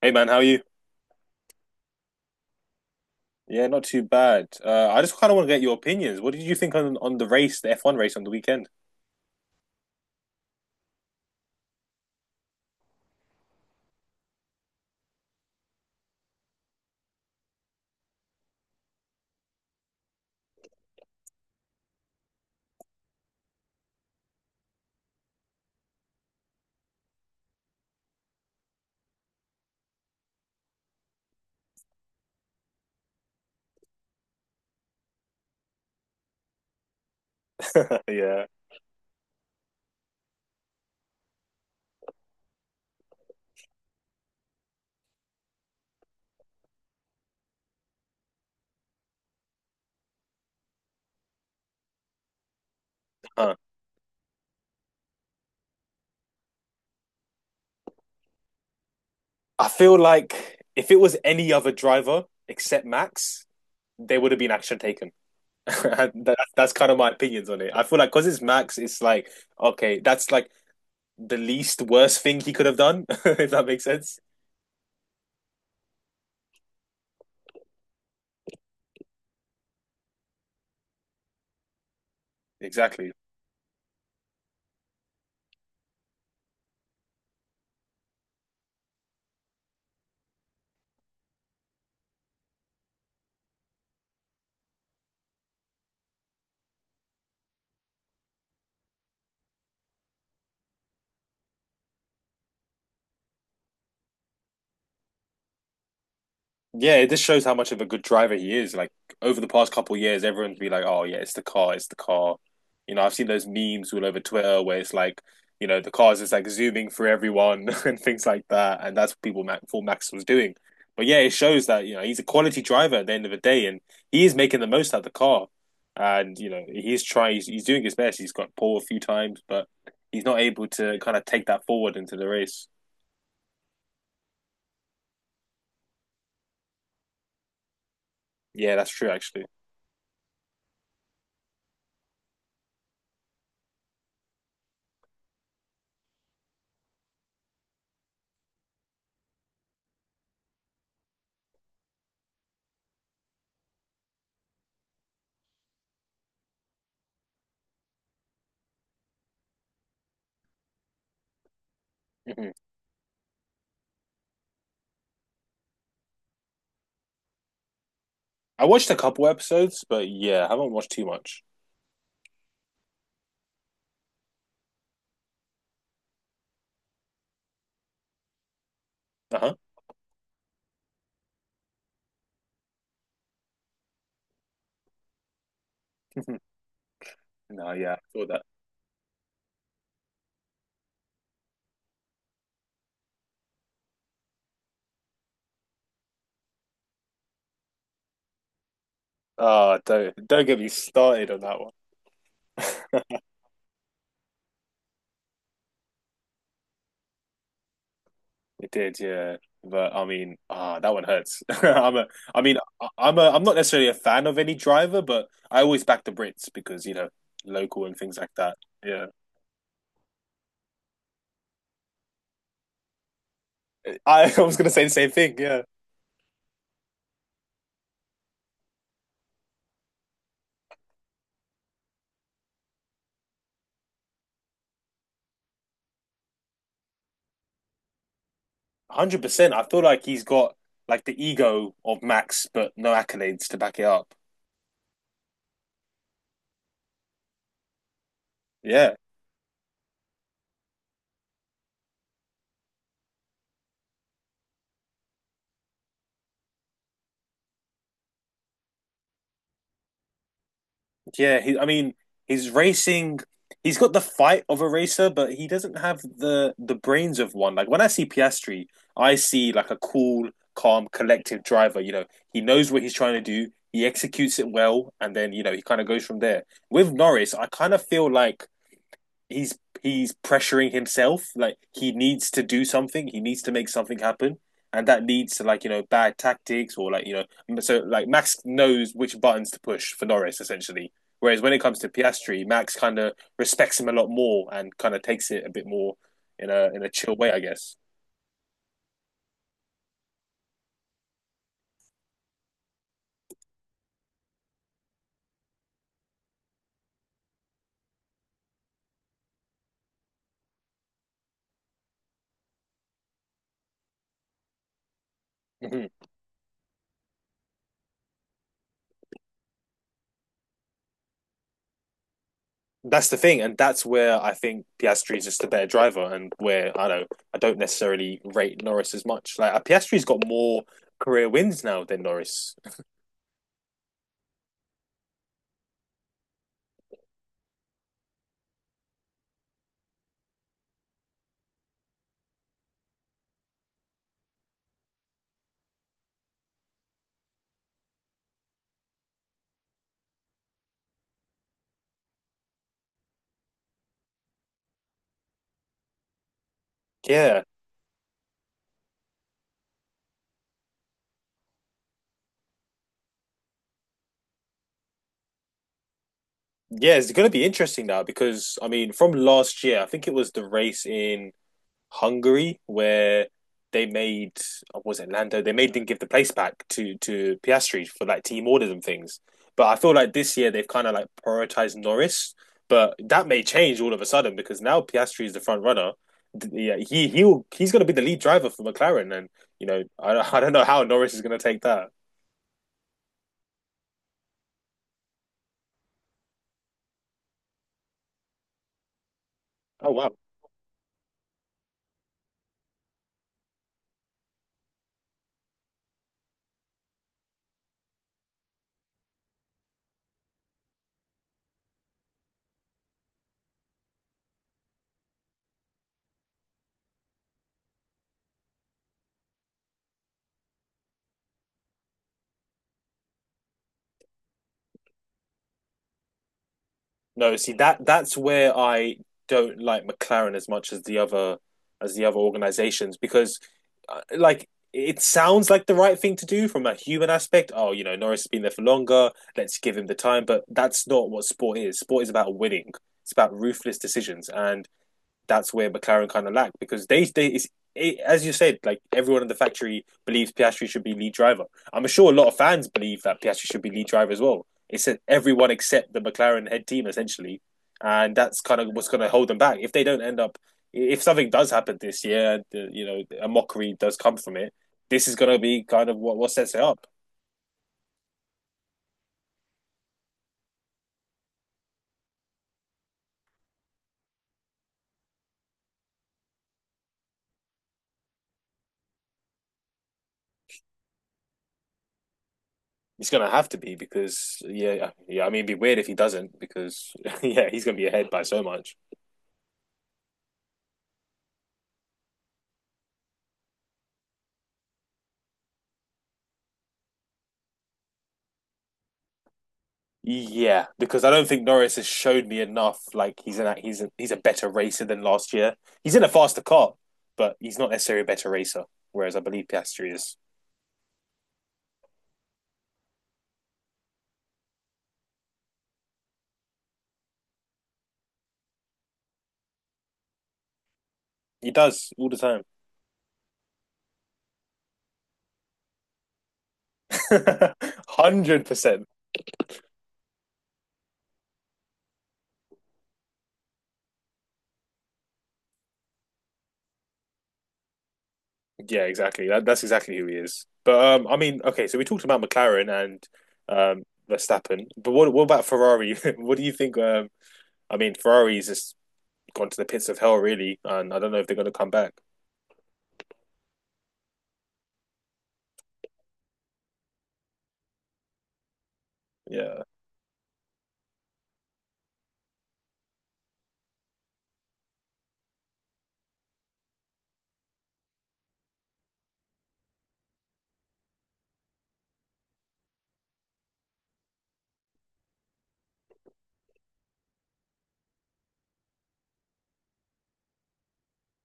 Hey man, how are you? Yeah, not too bad. I just kind of want to get your opinions. What did you think on the race, the F1 race on the weekend? Yeah. Huh. I feel like if it was any other driver except Max, there would have been action taken. That's kind of my opinions on it. I feel like because it's Max, it's like, okay, that's like the least worst thing he could have done, if that makes sense. Exactly. Yeah, it just shows how much of a good driver he is. Like over the past couple of years, everyone's been like, "Oh yeah, it's the car, it's the car." I've seen those memes all over Twitter where it's like, the car's just like zooming through everyone and things like that, and that's what people Max, thought Max was doing. But yeah, it shows that he's a quality driver at the end of the day, and he is making the most out of the car. And he's trying, he's doing his best. He's got pole a few times, but he's not able to kind of take that forward into the race. Yeah, that's true actually. I watched a couple episodes, but yeah, I haven't watched too much. Uh huh. No, yeah, I saw that. Ah, don't get me started on that one. It did, yeah. But I mean, ah, that one hurts. I mean, I'm not necessarily a fan of any driver, but I always back the Brits because local and things like that. Yeah, I, I was gonna say the same thing. Yeah, 100%. I feel like he's got like the ego of Max, but no accolades to back it up. Yeah. Yeah, he, I mean, he's racing. He's got the fight of a racer, but he doesn't have the brains of one. Like when I see Piastri, I see like a cool, calm, collective driver. He knows what he's trying to do. He executes it well, and then he kind of goes from there. With Norris, I kind of feel like he's pressuring himself. Like he needs to do something. He needs to make something happen, and that leads to like bad tactics or like so like Max knows which buttons to push for Norris essentially. Whereas when it comes to Piastri, Max kind of respects him a lot more and kind of takes it a bit more in a chill way, I guess. Mm-hmm. That's the thing, and that's where I think Piastri is just a better driver, and where I don't necessarily rate Norris as much. Like Piastri's got more career wins now than Norris. Yeah, Yeah, it's going to be interesting now because I mean, from last year, I think it was the race in Hungary where they made what was it Lando? They made them give the place back to Piastri for like team orders and things. But I feel like this year they've kind of like prioritized Norris, but that may change all of a sudden because now Piastri is the front runner. Yeah, he's going to be the lead driver for McLaren, and I I don't know how Norris is going to take that. Oh wow. No, see that's where I don't like McLaren as much as the other organizations because like it sounds like the right thing to do from a human aspect. Oh, you know, Norris has been there for longer. Let's give him the time. But that's not what sport is. Sport is about winning. It's about ruthless decisions. And that's where McLaren kind of lacked because they it's, it, as you said, like everyone in the factory believes Piastri should be lead driver. I'm sure a lot of fans believe that Piastri should be lead driver as well. It's everyone except the McLaren head team essentially, and that's kind of what's going to hold them back. If they don't end up, if something does happen this year, the, you know, a mockery does come from it. This is going to be kind of what sets it up. It's going to have to be because yeah, yeah. I mean, it'd be weird if he doesn't because yeah, he's going to be ahead by so much. Yeah, because I don't think Norris has showed me enough. Like he's a better racer than last year. He's in a faster car, but he's not necessarily a better racer. Whereas I believe Piastri is. He does all the time, 100%. Yeah, exactly. That's exactly who he is. But I mean, okay. So we talked about McLaren and um, Verstappen, but what about Ferrari? What do you think? I mean, Ferrari's just gone to the pits of hell, really, and I don't know if they're going to come back. Yeah.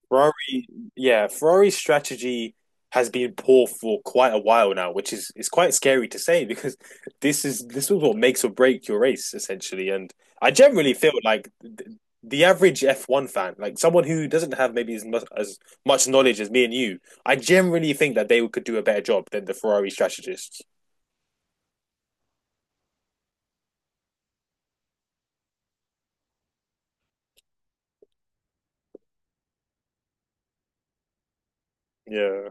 Ferrari, yeah, Ferrari's strategy has been poor for quite a while now, which is quite scary to say because this is what makes or break your race essentially. And I generally feel like the average F1 fan, like someone who doesn't have maybe as much knowledge as me and you, I generally think that they could do a better job than the Ferrari strategists. Yeah.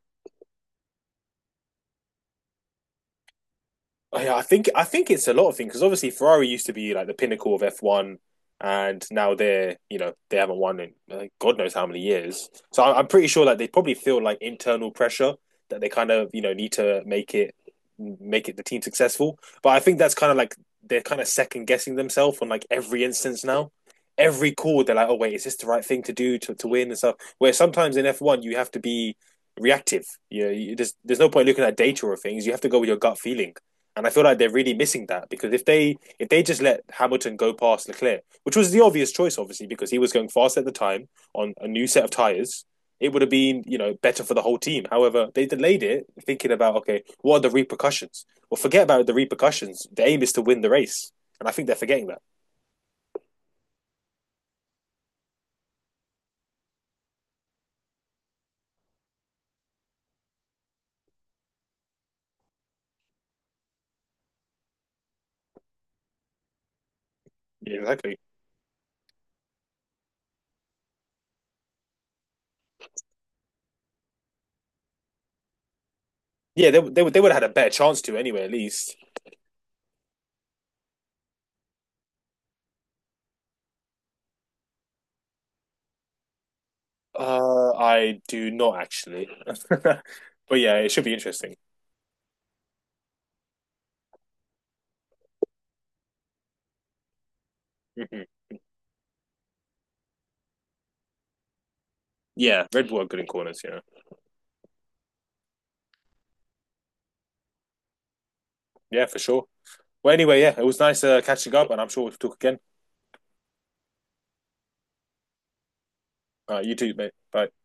Oh, yeah, I think it's a lot of things because obviously Ferrari used to be like the pinnacle of F1, and now they're they haven't won in God knows how many years. So I'm pretty sure that they probably feel like internal pressure that they kind of need to make it the team successful. But I think that's kind of like they're kind of second guessing themselves on like every instance now. Every call they're like, oh wait, is this the right thing to do to win and stuff? Where sometimes in F1 you have to be reactive. There's no point looking at data or things. You have to go with your gut feeling, and I feel like they're really missing that because if they just let Hamilton go past Leclerc, which was the obvious choice, obviously, because he was going fast at the time on a new set of tires, it would have been better for the whole team. However, they delayed it, thinking about okay, what are the repercussions? Well, forget about the repercussions. The aim is to win the race, and I think they're forgetting that. Yeah, exactly. Yeah, they would have had a better chance to anyway, at least. I do not actually, but yeah, it should be interesting. Hmm. Yeah, Red Bull are good in corners. Yeah, yeah, for sure. Well, anyway, yeah, it was nice catching up, and I'm sure we'll talk again. You too, mate. Bye.